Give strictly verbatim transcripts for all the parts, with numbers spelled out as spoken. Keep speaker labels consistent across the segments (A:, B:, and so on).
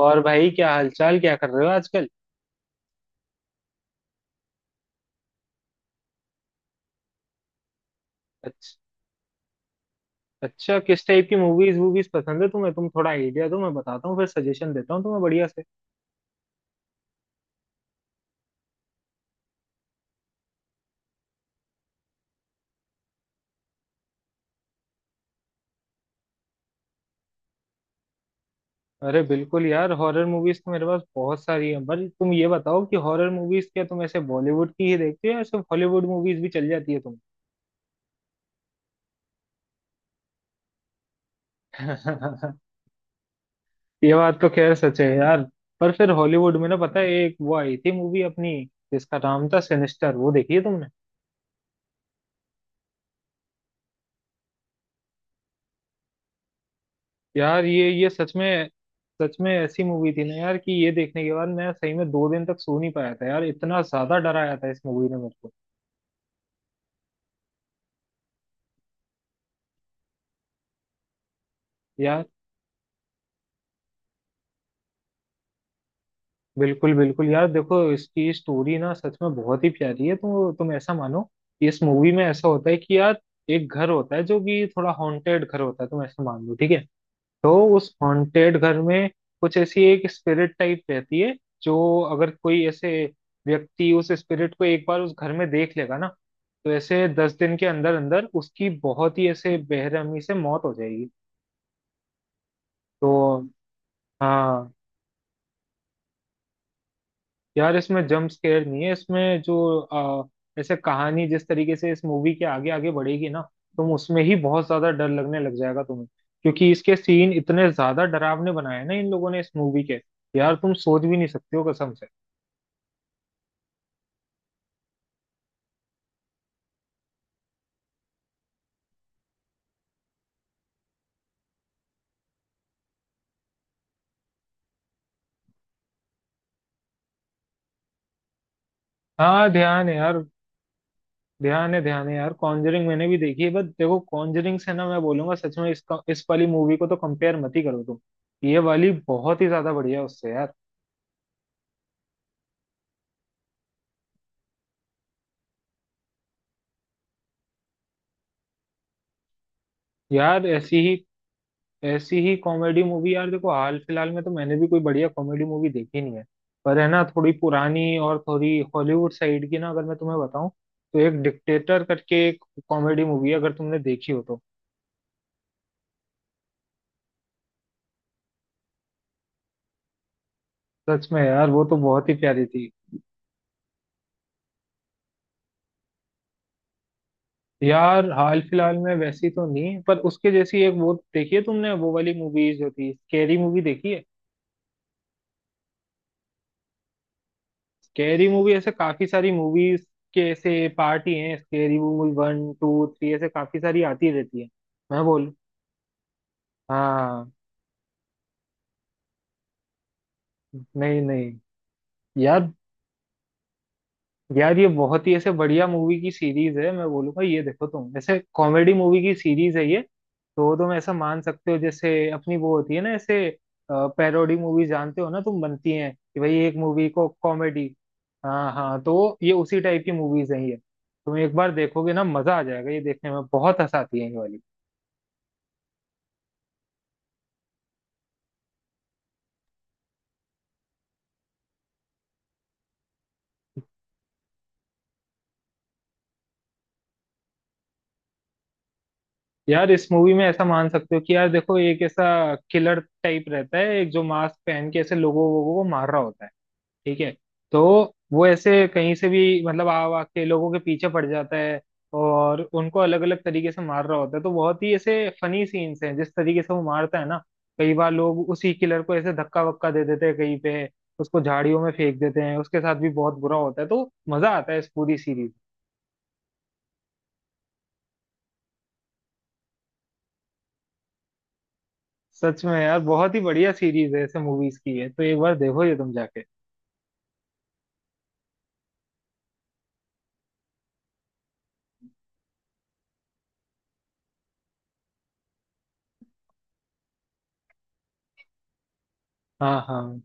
A: और भाई, क्या हालचाल, क्या कर रहे हो आजकल? अच्छा। अच्छा, किस टाइप की मूवीज वूवीज पसंद है तुम्हें? तुम थोड़ा आइडिया दो, मैं बताता हूँ, फिर सजेशन देता हूँ तुम्हें बढ़िया से। अरे बिल्कुल यार, हॉरर मूवीज तो मेरे पास बहुत सारी हैं, पर तुम ये बताओ कि हॉरर मूवीज क्या तुम ऐसे बॉलीवुड की ही देखते हो या सिर्फ हॉलीवुड मूवीज भी चल जाती है तुम। ये बात तो खैर सच है यार। पर फिर हॉलीवुड में ना, पता है एक वो आई थी मूवी अपनी जिसका नाम था सिनिस्टर, वो देखी है तुमने? यार ये ये सच में, सच में ऐसी मूवी थी ना यार कि ये देखने के बाद मैं सही में दो दिन तक सो नहीं पाया था यार, इतना ज्यादा डराया था इस मूवी ने मेरे को। यार बिल्कुल बिल्कुल यार, देखो इसकी स्टोरी ना सच में बहुत ही प्यारी है। तो तुम ऐसा मानो कि इस मूवी में ऐसा होता है कि यार एक घर होता है जो कि थोड़ा हॉन्टेड घर होता है, तुम ऐसा मान लो ठीक है। तो उस हॉन्टेड घर में कुछ ऐसी एक स्पिरिट टाइप रहती है, जो अगर कोई ऐसे व्यक्ति उस स्पिरिट को एक बार उस घर में देख लेगा ना तो ऐसे दस दिन के अंदर अंदर उसकी बहुत ही ऐसे बेरहमी से मौत हो जाएगी। तो हाँ। यार इसमें जंप स्केयर नहीं है, इसमें जो आ, ऐसे कहानी जिस तरीके से इस मूवी के आगे आगे बढ़ेगी ना तुम उसमें ही बहुत ज्यादा डर लगने लग जाएगा तुम्हें, क्योंकि इसके सीन इतने ज्यादा डरावने बनाए हैं ना इन लोगों ने इस मूवी के, यार तुम सोच भी नहीं सकते हो कसम से। हाँ ध्यान है यार, ध्यान है ध्यान है यार। कॉन्जरिंग मैंने भी देखी है बट देखो कॉन्जरिंग से ना मैं बोलूंगा सच में, इसका इस वाली मूवी को तो कंपेयर मत ही करो तुम। ये वाली बहुत ही ज्यादा बढ़िया है उससे यार। यार ऐसी ही ऐसी ही कॉमेडी मूवी यार देखो, हाल फिलहाल में तो मैंने भी कोई बढ़िया कॉमेडी मूवी देखी नहीं है। पर है ना, थोड़ी पुरानी और थोड़ी हॉलीवुड साइड की ना, अगर मैं तुम्हें बताऊं तो एक डिक्टेटर करके एक कॉमेडी मूवी है, अगर तुमने देखी हो तो। सच में यार वो तो बहुत ही प्यारी थी। यार हाल फिलहाल में वैसी तो नहीं, पर उसके जैसी एक, वो देखी है तुमने वो वाली मूवीज जो थी, स्कैरी मूवी देखी है? स्कैरी मूवी ऐसे काफी सारी मूवीज के ऐसे पार्ट ही हैं, scary movie one two three, ऐसे काफी सारी आती रहती है। मैं बोल हाँ। नहीं नहीं यार, यार ये बहुत ही ऐसे बढ़िया मूवी की सीरीज है, मैं बोलूंगा। ये देखो तुम, ऐसे कॉमेडी मूवी की सीरीज है ये। तो तुम ऐसा मान सकते हो जैसे अपनी वो होती है ना ऐसे पैरोडी मूवी, जानते हो ना तुम, बनती हैं कि भाई एक मूवी को कॉमेडी। हाँ हाँ, तो ये उसी टाइप की मूवीज हैं ये। तुम एक बार देखोगे ना मजा आ जाएगा, ये देखने में बहुत हंसाती है ये वाली। यार इस मूवी में ऐसा मान सकते हो कि यार देखो, एक ऐसा किलर टाइप रहता है एक, जो मास्क पहन के ऐसे लोगों वोगों को मार रहा होता है, ठीक है। तो वो ऐसे कहीं से भी मतलब आ आ के लोगों के पीछे पड़ जाता है और उनको अलग अलग तरीके से मार रहा होता है, तो बहुत ही ऐसे फनी सीन्स हैं जिस तरीके से वो मारता है ना। कई बार लोग उसी किलर को ऐसे धक्का वक्का दे देते हैं कहीं पे, उसको झाड़ियों में फेंक देते हैं, उसके साथ भी बहुत बुरा होता है, तो मजा आता है इस पूरी सीरीज। सच में यार बहुत ही बढ़िया सीरीज है, ऐसे मूवीज की है, तो एक बार देखो ये तुम जाके। हाँ हाँ।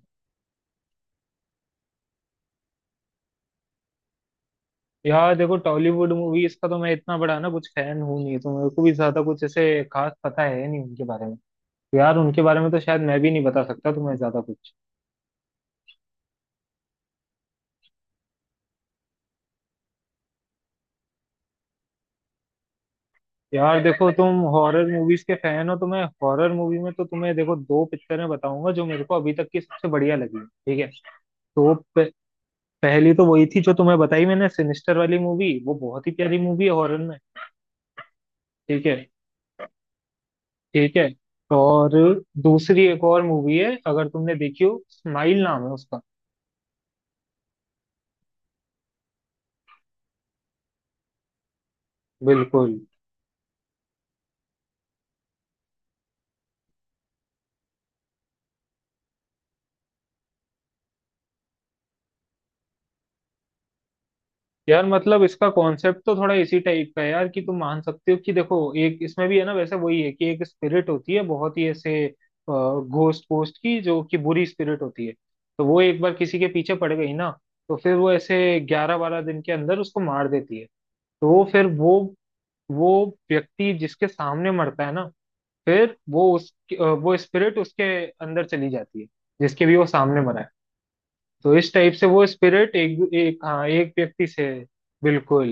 A: यार देखो टॉलीवुड मूवीज का तो मैं इतना बड़ा ना कुछ फैन हूँ नहीं, तो मेरे को भी ज्यादा कुछ ऐसे खास पता है नहीं उनके बारे में। यार उनके बारे में तो शायद मैं भी नहीं बता सकता तुम्हें ज्यादा कुछ। यार देखो, तुम हॉरर मूवीज के फैन हो तो मैं हॉरर मूवी में तो तुम्हें देखो दो पिक्चरें बताऊंगा जो मेरे को अभी तक की सबसे बढ़िया लगी, ठीक है। तो प- पहली तो वही थी जो तुम्हें बताई मैंने, सिनिस्टर वाली मूवी, वो बहुत ही प्यारी मूवी है हॉरर में। ठीक है। ठीक है। और दूसरी एक और मूवी है, अगर तुमने देखी हो, स्माइल नाम है उसका। बिल्कुल। यार मतलब इसका कॉन्सेप्ट तो थोड़ा इसी टाइप का है यार, कि तुम मान सकते हो कि देखो, एक इसमें भी है ना, वैसे वही है कि एक स्पिरिट होती है बहुत ही ऐसे घोस्ट पोस्ट की, जो कि बुरी स्पिरिट होती है। तो वो एक बार किसी के पीछे पड़ गई ना तो फिर वो ऐसे ग्यारह बारह दिन के अंदर उसको मार देती है। तो वो, फिर वो वो व्यक्ति जिसके सामने मरता है ना, फिर वो उस अ, वो स्पिरिट उसके अंदर चली जाती है, जिसके भी वो सामने मरा है। तो इस टाइप से वो स्पिरिट एक एक, हाँ, एक व्यक्ति से। बिल्कुल।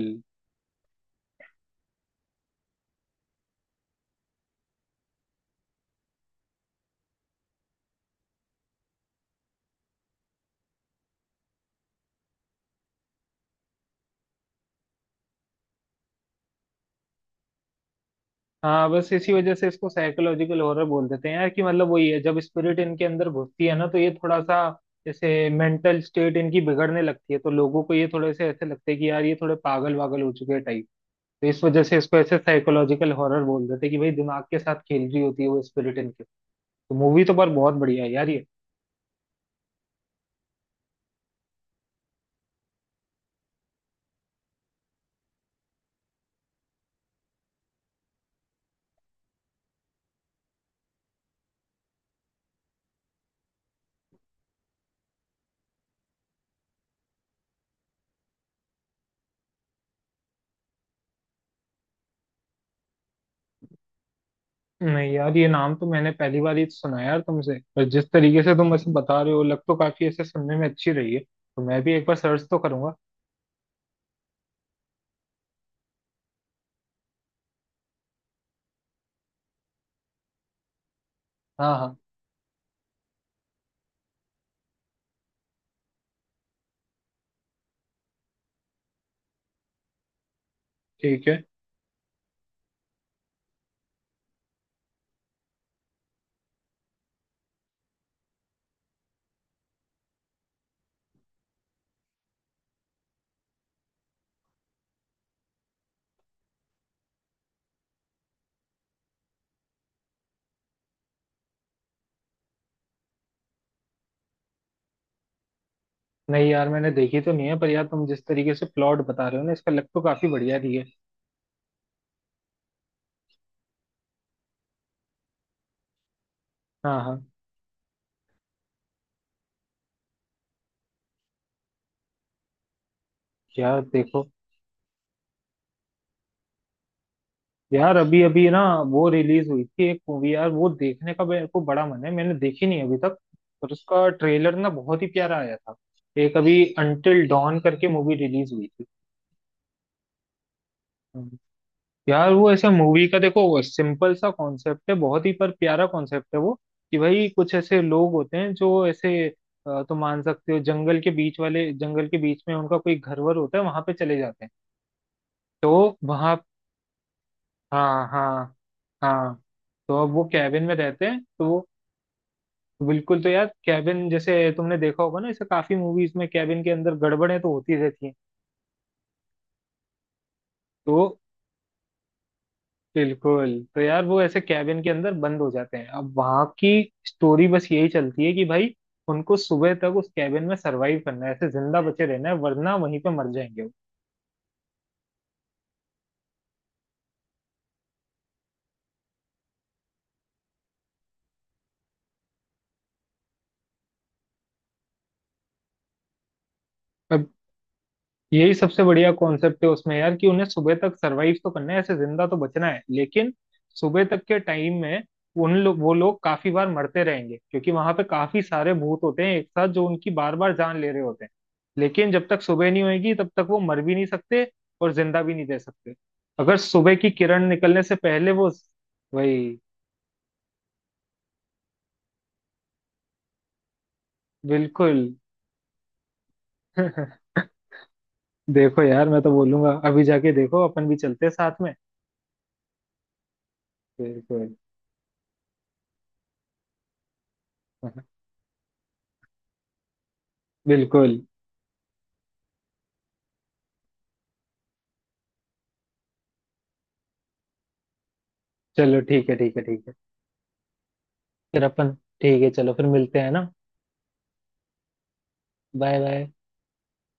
A: हाँ, बस इसी वजह से इसको साइकोलॉजिकल हॉरर बोल देते हैं यार, कि मतलब वही है, जब स्पिरिट इनके अंदर घुसती है ना तो ये थोड़ा सा जैसे मेंटल स्टेट इनकी बिगड़ने लगती है, तो लोगों को ये थोड़े से ऐसे लगते हैं कि यार ये थोड़े पागल वागल हो चुके हैं टाइप। तो इस वजह से इसको ऐसे साइकोलॉजिकल हॉरर बोल देते हैं कि भाई दिमाग के साथ खेल रही होती है वो स्पिरिट इनके। तो मूवी तो पर बहुत बढ़िया है यार ये। नहीं यार, ये नाम तो मैंने पहली बार ही सुना है यार तुमसे, पर जिस तरीके से तुम ऐसे बता रहे हो, लग तो काफी ऐसे सुनने में अच्छी रही है, तो मैं भी एक बार सर्च तो करूंगा। हाँ हाँ। ठीक है। नहीं यार, मैंने देखी तो नहीं है पर यार तुम जिस तरीके से प्लॉट बता रहे हो ना इसका, लग तो काफी बढ़िया रही है। हाँ हाँ। यार देखो, यार अभी अभी ना वो रिलीज हुई थी एक मूवी यार, वो देखने का मेरे को बड़ा मन है, मैंने देखी नहीं अभी तक। पर उसका ट्रेलर ना बहुत ही प्यारा आया था। एक अभी अंटिल डॉन करके मूवी रिलीज हुई थी। यार वो ऐसे मूवी का देखो सिंपल सा कॉन्सेप्ट है, बहुत ही पर प्यारा कॉन्सेप्ट है वो, कि भाई कुछ ऐसे लोग होते हैं जो ऐसे अ, तुम मान सकते हो जंगल के बीच वाले, जंगल के बीच में उनका कोई घर वर होता है, वहां पे चले जाते हैं। तो वहां। हाँ हाँ। हाँ, तो अब वो कैबिन में रहते हैं, तो वो, बिल्कुल। तो यार कैबिन, जैसे तुमने देखा होगा ना ऐसे काफी मूवीज में कैबिन के अंदर गड़बड़ें तो होती रहती हैं। तो बिल्कुल। तो यार वो ऐसे कैबिन के अंदर बंद हो जाते हैं, अब वहां की स्टोरी बस यही चलती है कि भाई उनको सुबह तक उस कैबिन में सरवाइव करना है, ऐसे जिंदा बचे रहना है, वरना वहीं पे मर जाएंगे। वो, यही सबसे बढ़िया कॉन्सेप्ट है उसमें यार, कि उन्हें सुबह तक सरवाइव तो करना है, ऐसे जिंदा तो बचना है, लेकिन सुबह तक के टाइम में उन लोग वो लोग काफी बार मरते रहेंगे, क्योंकि वहां पे काफी सारे भूत होते हैं एक साथ जो उनकी बार बार जान ले रहे होते हैं। लेकिन जब तक सुबह नहीं होगी तब तक वो मर भी नहीं सकते, और जिंदा भी नहीं रह सकते, अगर सुबह की किरण निकलने से पहले वो, वही। बिल्कुल। देखो यार मैं तो बोलूंगा अभी जाके देखो, अपन भी चलते हैं साथ में। बिल्कुल। बिल्कुल। चलो ठीक है, ठीक है, ठीक है। फिर अपन। ठीक है चलो, फिर मिलते हैं ना। Bye bye.